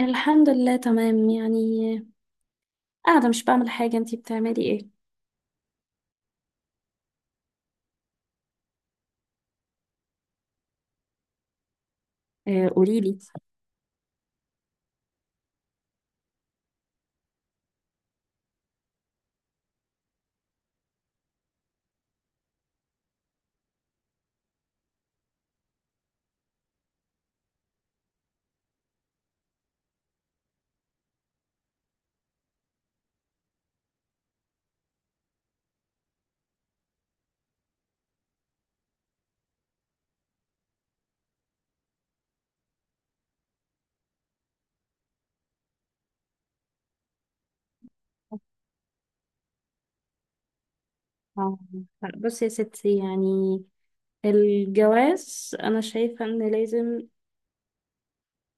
الحمد لله، تمام يعني، قاعدة مش بعمل حاجة. انتي بتعملي ايه؟ آه، قوليلي. آه، بصي يا ستي، يعني الجواز أنا شايفة إن لازم،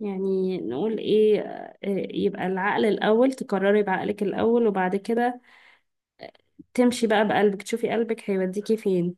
يعني نقول إيه، يبقى العقل الأول، تقرري بعقلك الأول، وبعد كده تمشي بقى بقلبك، تشوفي قلبك هيوديكي فين.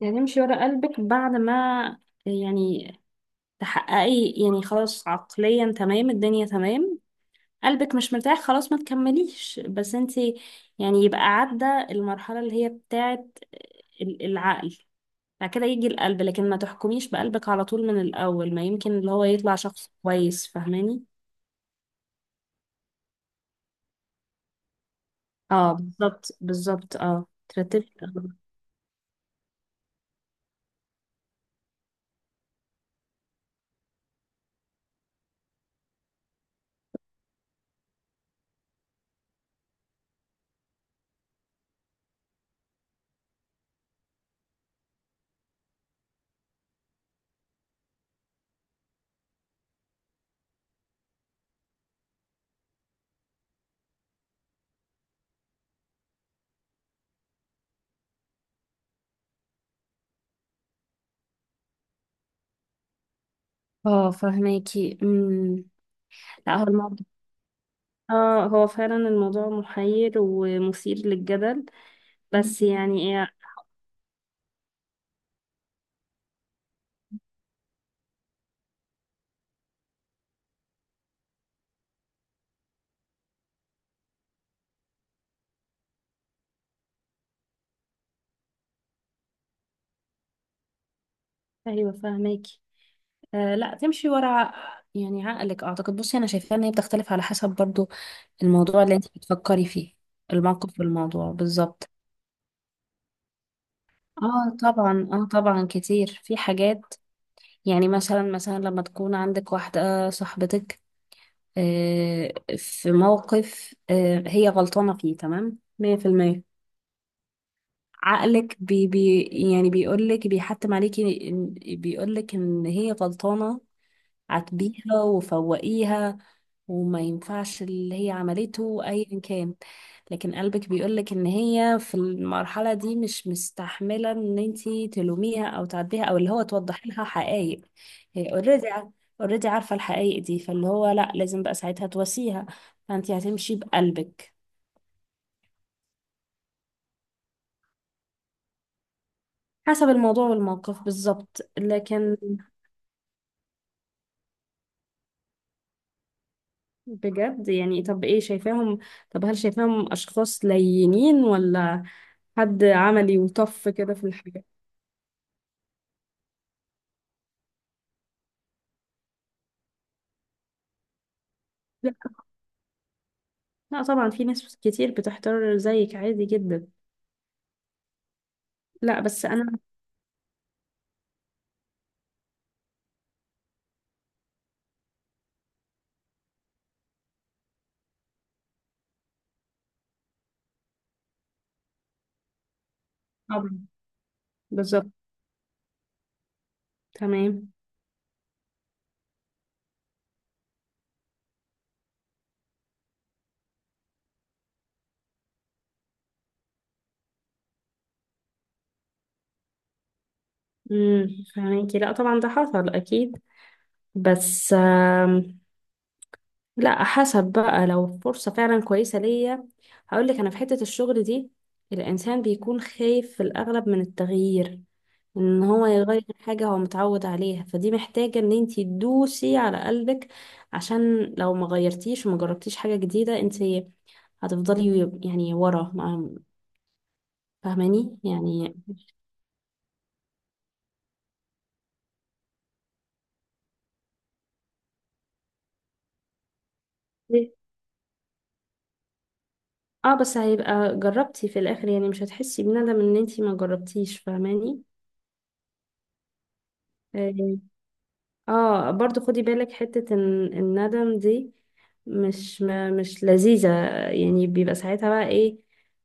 يعني امشي ورا قلبك بعد ما، يعني تحققي يعني خلاص عقليا تمام، الدنيا تمام، قلبك مش مرتاح، خلاص ما تكمليش. بس انت يعني يبقى عدى المرحلة اللي هي بتاعت العقل، بعد كده يجي القلب، لكن ما تحكميش بقلبك على طول من الأول، ما يمكن اللي هو يطلع شخص كويس. فاهماني؟ اه، بالظبط بالظبط، اه ترتبي. اه، فاهماكي. لا، هو الموضوع، اه هو فعلا الموضوع محير ومثير للجدل، بس يعني. ايوه فاهماكي. آه، لا تمشي ورا يعني عقلك. اعتقد بصي، انا شايفه ان هي بتختلف على حسب برضو الموضوع اللي انت بتفكري فيه، الموقف والموضوع بالظبط. اه طبعا، اه طبعا كتير في حاجات. يعني مثلا مثلا لما تكون عندك واحده صاحبتك، آه في موقف، آه هي غلطانه فيه تمام 100%. عقلك بي بي يعني بيقولك، بيحتم عليكي بيقولك ان هي غلطانه، عاتبيها وفوقيها، وما ينفعش اللي هي عملته ايا كان. لكن قلبك بيقولك ان هي في المرحلة دي مش مستحملة ان انتي تلوميها او تعديها، او اللي هو توضحي لها حقائق. هي اوريدي اوريدي عارفة الحقائق دي، فاللي هو لا، لازم بقى ساعتها تواسيها، فانتي هتمشي بقلبك. حسب الموضوع والموقف بالظبط، لكن بجد؟ يعني طب ايه شايفاهم، طب هل شايفاهم اشخاص لينين، ولا حد عملي وطف كده في الحاجة؟ لا طبعا، في ناس كتير بتحتار زيك، عادي جدا. لا بس انا. طبعا. بالظبط. تمام. امم. فهميكي، لا طبعا ده حصل اكيد. بس لا، حسب بقى، لو فرصة فعلا كويسة ليا، هقول لك انا في حتة الشغل دي الانسان بيكون خايف في الاغلب من التغيير، ان هو يغير حاجة هو متعود عليها. فدي محتاجة ان انتي تدوسي على قلبك، عشان لو ما غيرتيش وما جربتيش حاجة جديدة، انتي هتفضلي يعني ورا. فاهماني يعني؟ اه، بس هيبقى جربتي في الاخر، يعني مش هتحسي بندم ان انتي ما جربتيش. فاهماني؟ اه. آه، برضو خدي بالك حتة ان الندم دي مش، ما مش لذيذة. يعني بيبقى ساعتها بقى ايه،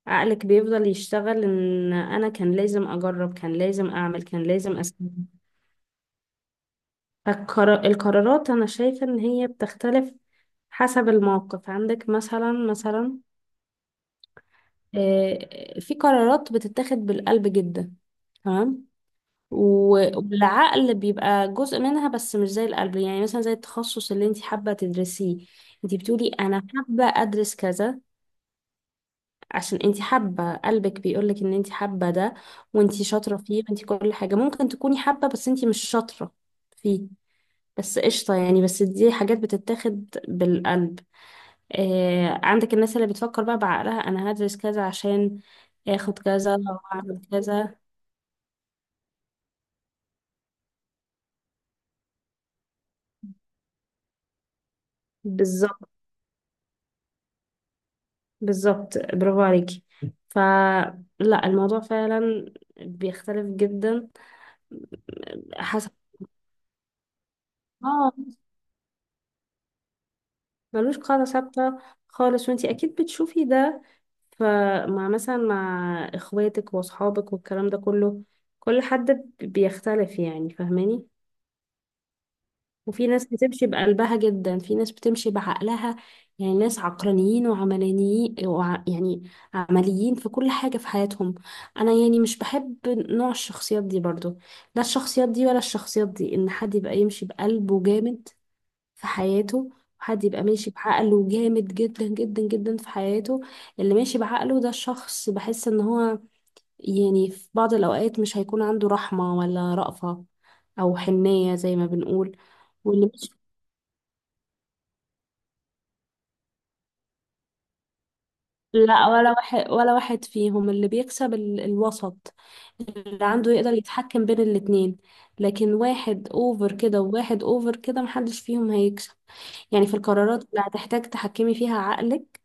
عقلك بيفضل يشتغل ان انا كان لازم اجرب، كان لازم اعمل، كان لازم اسوي. فالقرارات انا شايفة ان هي بتختلف حسب الموقف، عندك مثلا مثلا. آه، في قرارات بتتاخد بالقلب جدا، تمام، والعقل بيبقى جزء منها بس مش زي القلب. يعني مثلا زي التخصص اللي انت حابة تدرسيه، انت بتقولي انا حابة ادرس كذا، عشان انت حابة، قلبك بيقولك ان انت حابة ده، وانت شاطرة فيه، وانت كل حاجة، ممكن تكوني حابة بس انت مش شاطرة فيه. بس قشطة، يعني بس دي حاجات بتتاخد بالقلب. آه، عندك الناس اللي بتفكر بقى بعقلها، انا هدرس كذا عشان اخد كذا او اعمل كذا. بالظبط بالظبط، برافو عليكي. فلا الموضوع فعلا بيختلف جدا حسب. اه، ملوش قاعدة ثابتة خالص. وانتي اكيد بتشوفي ده، فمع مثلا مع اخواتك واصحابك والكلام ده كله، كل حد بيختلف. يعني فاهماني؟ وفي ناس بتمشي بقلبها جدا، في ناس بتمشي بعقلها. يعني ناس عقلانيين وعملانيين، يعني عمليين في كل حاجة في حياتهم. أنا يعني مش بحب نوع الشخصيات دي برضو، لا الشخصيات دي ولا الشخصيات دي، إن حد يبقى يمشي بقلبه جامد في حياته، وحد يبقى ماشي بعقله جامد جدا جدا جدا في حياته. اللي ماشي بعقله ده، الشخص بحس إن هو يعني في بعض الأوقات مش هيكون عنده رحمة ولا رأفة، أو حنية زي ما بنقول. واللي لا، ولا واحد، فيهم اللي بيكسب. الوسط اللي عنده يقدر يتحكم بين الاتنين. لكن واحد اوفر كده وواحد اوفر كده، محدش فيهم هيكسب. يعني في القرارات اللي هتحتاج تحكمي فيها عقلك،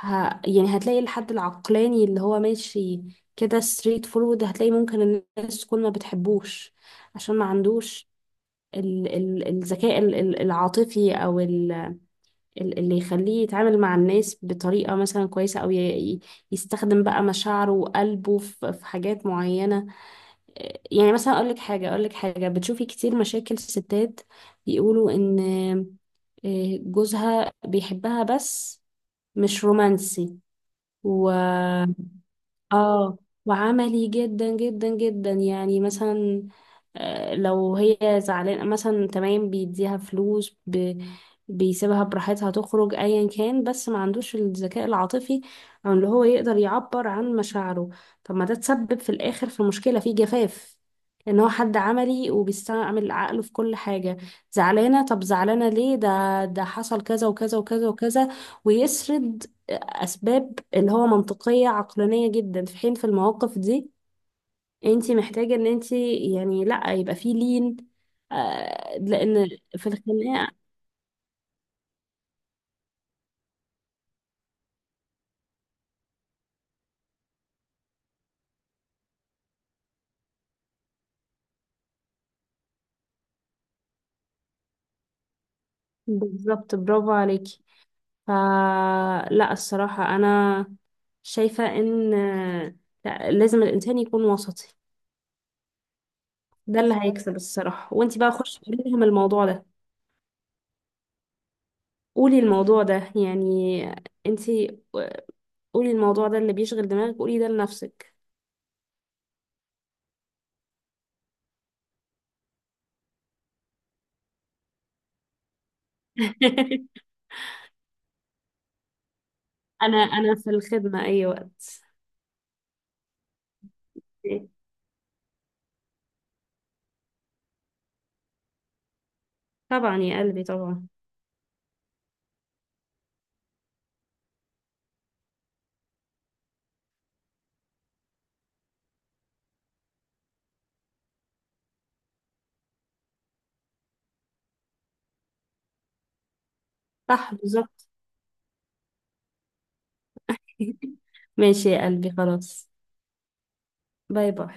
ه... يعني هتلاقي الحد العقلاني اللي هو ماشي كده ستريت فورورد، هتلاقي ممكن الناس كل ما بتحبوش عشان ما عندوش الذكاء العاطفي، او اللي يخليه يتعامل مع الناس بطريقة مثلا كويسة، أو ي- يستخدم بقى مشاعره وقلبه في حاجات معينة. إيه، يعني مثلا أقولك حاجة، أقولك حاجة، بتشوفي كتير مشاكل ستات بيقولوا إن، إيه، جوزها بيحبها بس مش رومانسي. اه، وعملي جدا جدا جدا، يعني مثلا، آه، لو هي زعلانة مثلا تمام، بيديها فلوس، بيسيبها براحتها تخرج ايا كان، بس ما عندوش الذكاء العاطفي، او اللي هو يقدر يعبر عن مشاعره. طب ما ده تسبب في الاخر في مشكلة، في جفاف، ان هو حد عملي وبيستعمل عقله في كل حاجة. زعلانة؟ طب زعلانة ليه؟ ده حصل كذا وكذا وكذا وكذا، ويسرد اسباب اللي هو منطقيه عقلانيه جدا. في حين في المواقف دي انت محتاجه ان انت يعني لا، يبقى في لين. آه، لان في الخناقه. بالظبط، برافو عليكي. فلا الصراحه انا شايفه ان، آه، لا، لازم الانسان يكون وسطي. ده اللي هيكسب الصراحه. وانت بقى خشي قولي لهم الموضوع ده، قولي الموضوع ده يعني، انت قولي الموضوع ده اللي بيشغل دماغك، قولي ده لنفسك. انا في الخدمة اي وقت. طبعا يا قلبي طبعا. صح بالظبط. ماشي يا قلبي خلاص. باي باي.